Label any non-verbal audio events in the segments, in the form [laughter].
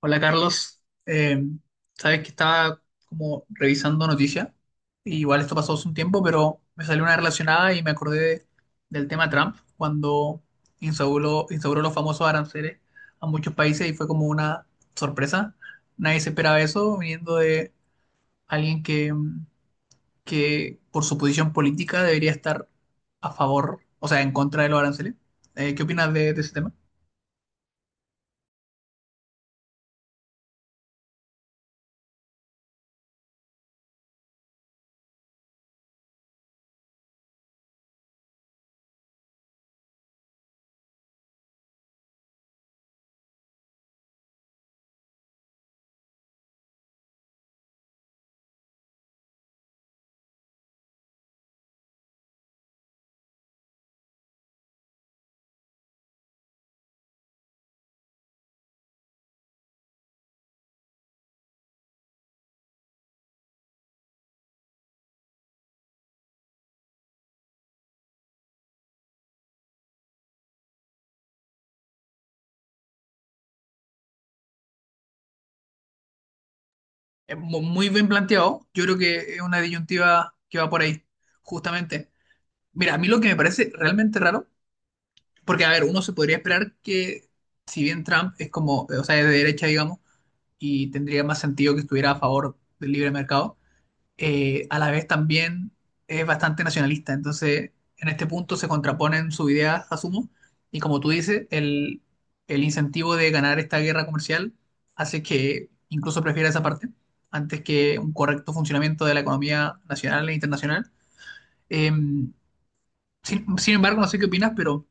Hola Carlos. Eh, sabes que estaba como revisando noticias, y igual esto pasó hace un tiempo, pero me salió una relacionada y me acordé del tema Trump cuando instauró los famosos aranceles a muchos países y fue como una sorpresa. Nadie se esperaba eso viniendo de alguien que, que por su posición política debería estar a favor, o sea, en contra de los aranceles. ¿Qué opinas de ese tema? Es muy bien planteado. Yo creo que es una disyuntiva que va por ahí, justamente. Mira, a mí lo que me parece realmente raro, porque a ver, uno se podría esperar que, si bien Trump es como, o sea, es de derecha, digamos, y tendría más sentido que estuviera a favor del libre mercado, a la vez también es bastante nacionalista. Entonces, en este punto se contraponen sus ideas, asumo, y como tú dices, el incentivo de ganar esta guerra comercial hace que incluso prefiera esa parte antes que un correcto funcionamiento de la economía nacional e internacional. Eh, Sin embargo, no sé qué opinas, pero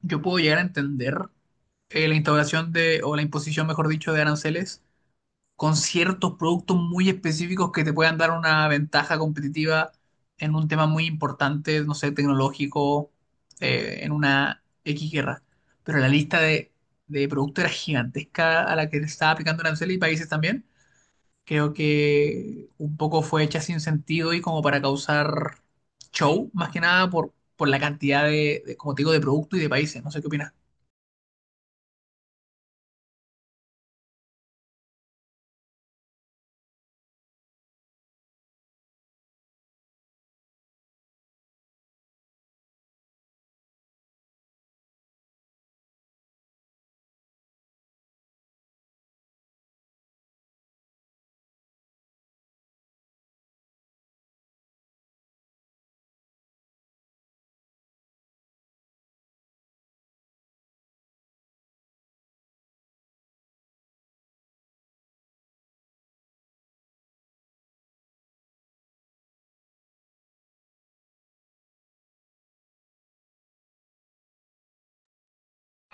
yo puedo llegar a entender la instauración de, o la imposición, mejor dicho, de aranceles con ciertos productos muy específicos que te puedan dar una ventaja competitiva en un tema muy importante, no sé, tecnológico, en una X guerra. Pero la lista de productos era gigantesca a la que le estaba aplicando arancel y países también. Creo que un poco fue hecha sin sentido y como para causar show, más que nada por la cantidad como te digo, de producto y de países. No sé qué opinas.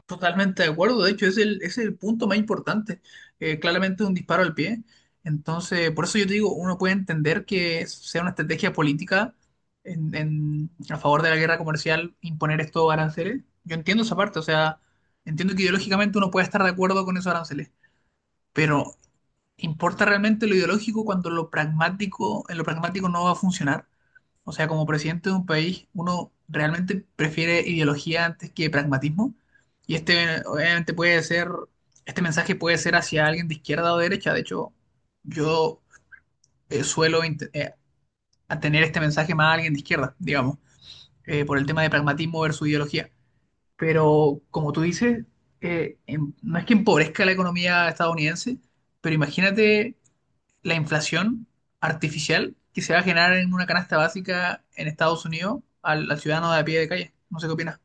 Totalmente de acuerdo, de hecho es es el punto más importante. Claramente un disparo al pie, entonces por eso yo te digo, uno puede entender que sea una estrategia política a favor de la guerra comercial imponer estos aranceles, yo entiendo esa parte, o sea, entiendo que ideológicamente uno puede estar de acuerdo con esos aranceles, pero ¿importa realmente lo ideológico cuando lo pragmático, en lo pragmático no va a funcionar? O sea, como presidente de un país, uno realmente prefiere ideología antes que pragmatismo. Y este, obviamente, puede ser, este mensaje puede ser hacia alguien de izquierda o de derecha. De hecho, yo eh, suelo int- eh, a tener este mensaje más a alguien de izquierda, digamos, por el tema de pragmatismo versus ideología. Pero, como tú dices, no es que empobrezca la economía estadounidense, pero imagínate la inflación artificial que se va a generar en una canasta básica en Estados Unidos al ciudadano de a pie de calle. No sé qué opinas.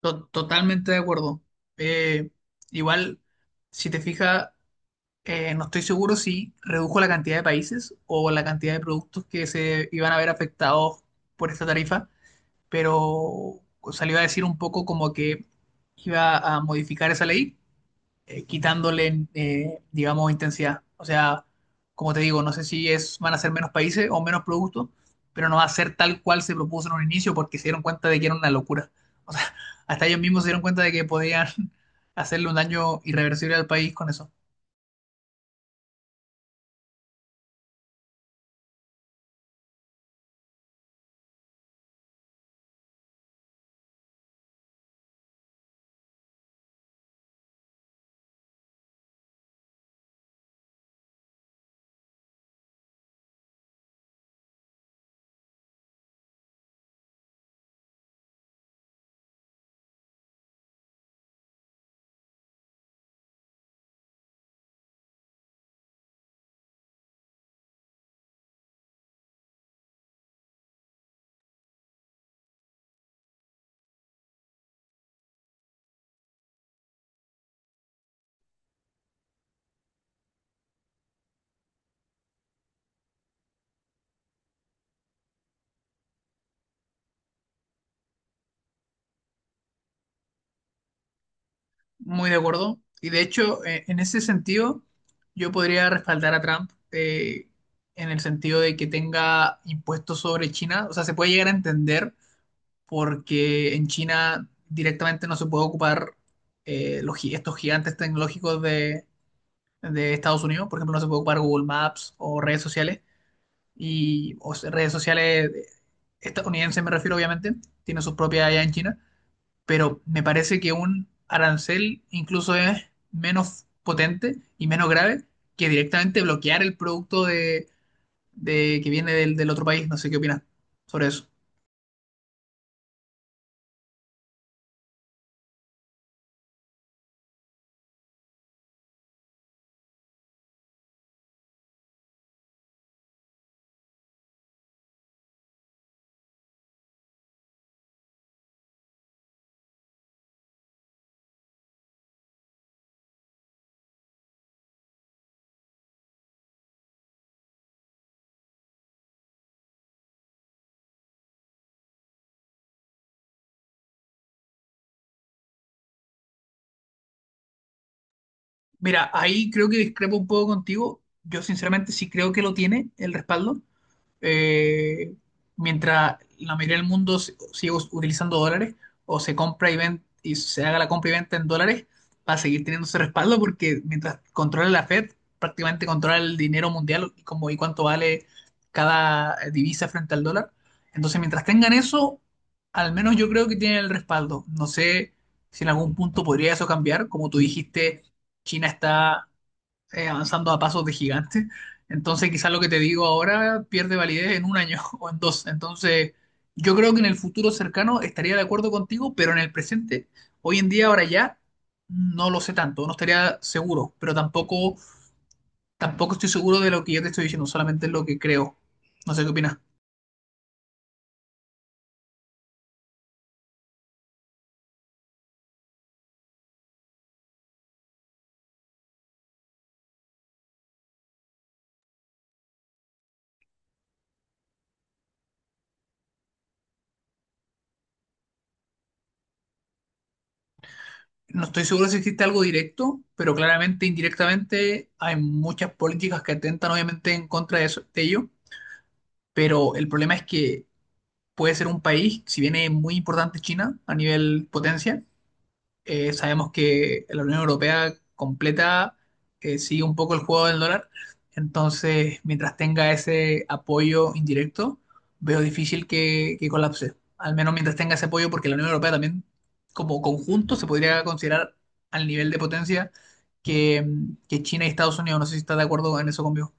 Totalmente de acuerdo. Eh, Igual, si te fijas, no estoy seguro si redujo la cantidad de países o la cantidad de productos que se iban a ver afectados por esta tarifa, pero salió a decir un poco como que iba a modificar esa ley quitándole, digamos, intensidad. O sea, como te digo, no sé si es, van a ser menos países o menos productos, pero no va a ser tal cual se propuso en un inicio porque se dieron cuenta de que era una locura. O sea, [laughs] hasta ellos mismos se dieron cuenta de que podían [laughs] hacerle un daño irreversible al país con eso. Muy de acuerdo. Y de hecho, en ese sentido, yo podría respaldar a Trump en el sentido de que tenga impuestos sobre China. O sea, se puede llegar a entender porque en China directamente no se puede ocupar estos gigantes tecnológicos de Estados Unidos, por ejemplo, no se puede ocupar Google Maps o redes sociales, y, o sea, redes sociales estadounidenses me refiero obviamente, tiene sus propias allá en China, pero me parece que un arancel incluso es menos potente y menos grave que directamente bloquear el producto de, que viene del, del otro país, no sé qué opinas sobre eso. Mira, ahí creo que discrepo un poco contigo. Yo sinceramente sí creo que lo tiene el respaldo, eh, mientras la mayoría del mundo siga utilizando dólares o se compra y y se haga la compra y venta en dólares, va a seguir teniendo ese respaldo porque mientras controla la Fed, prácticamente controla el dinero mundial y, como, y cuánto vale cada divisa frente al dólar. Entonces, mientras tengan eso, al menos yo creo que tienen el respaldo. No sé si en algún punto podría eso cambiar. Como tú dijiste, China está avanzando a pasos de gigante. Entonces, quizás lo que te digo ahora pierde validez en un año [laughs] o en dos. Entonces, yo creo que en el futuro cercano estaría de acuerdo contigo, pero en el presente, hoy en día, ahora ya, no lo sé tanto, no estaría seguro, pero tampoco, tampoco estoy seguro de lo que yo te estoy diciendo, solamente es lo que creo. No sé qué opinas. No estoy seguro si existe algo directo, pero claramente indirectamente hay muchas políticas que atentan obviamente en contra de, de ello, pero el problema es que puede ser un país, si bien es muy importante China a nivel potencia, sabemos que la Unión Europea completa sigue un poco el juego del dólar, entonces mientras tenga ese apoyo indirecto, veo difícil que colapse, al menos mientras tenga ese apoyo, porque la Unión Europea también como conjunto se podría considerar al nivel de potencia que, que China y Estados Unidos, no sé si está de acuerdo en eso conmigo.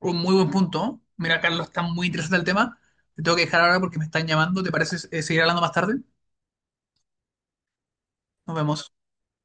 Un muy buen punto. Mira, Carlos, está muy interesante el tema. Te tengo que dejar ahora porque me están llamando. ¿Te parece seguir hablando más tarde? Nos vemos.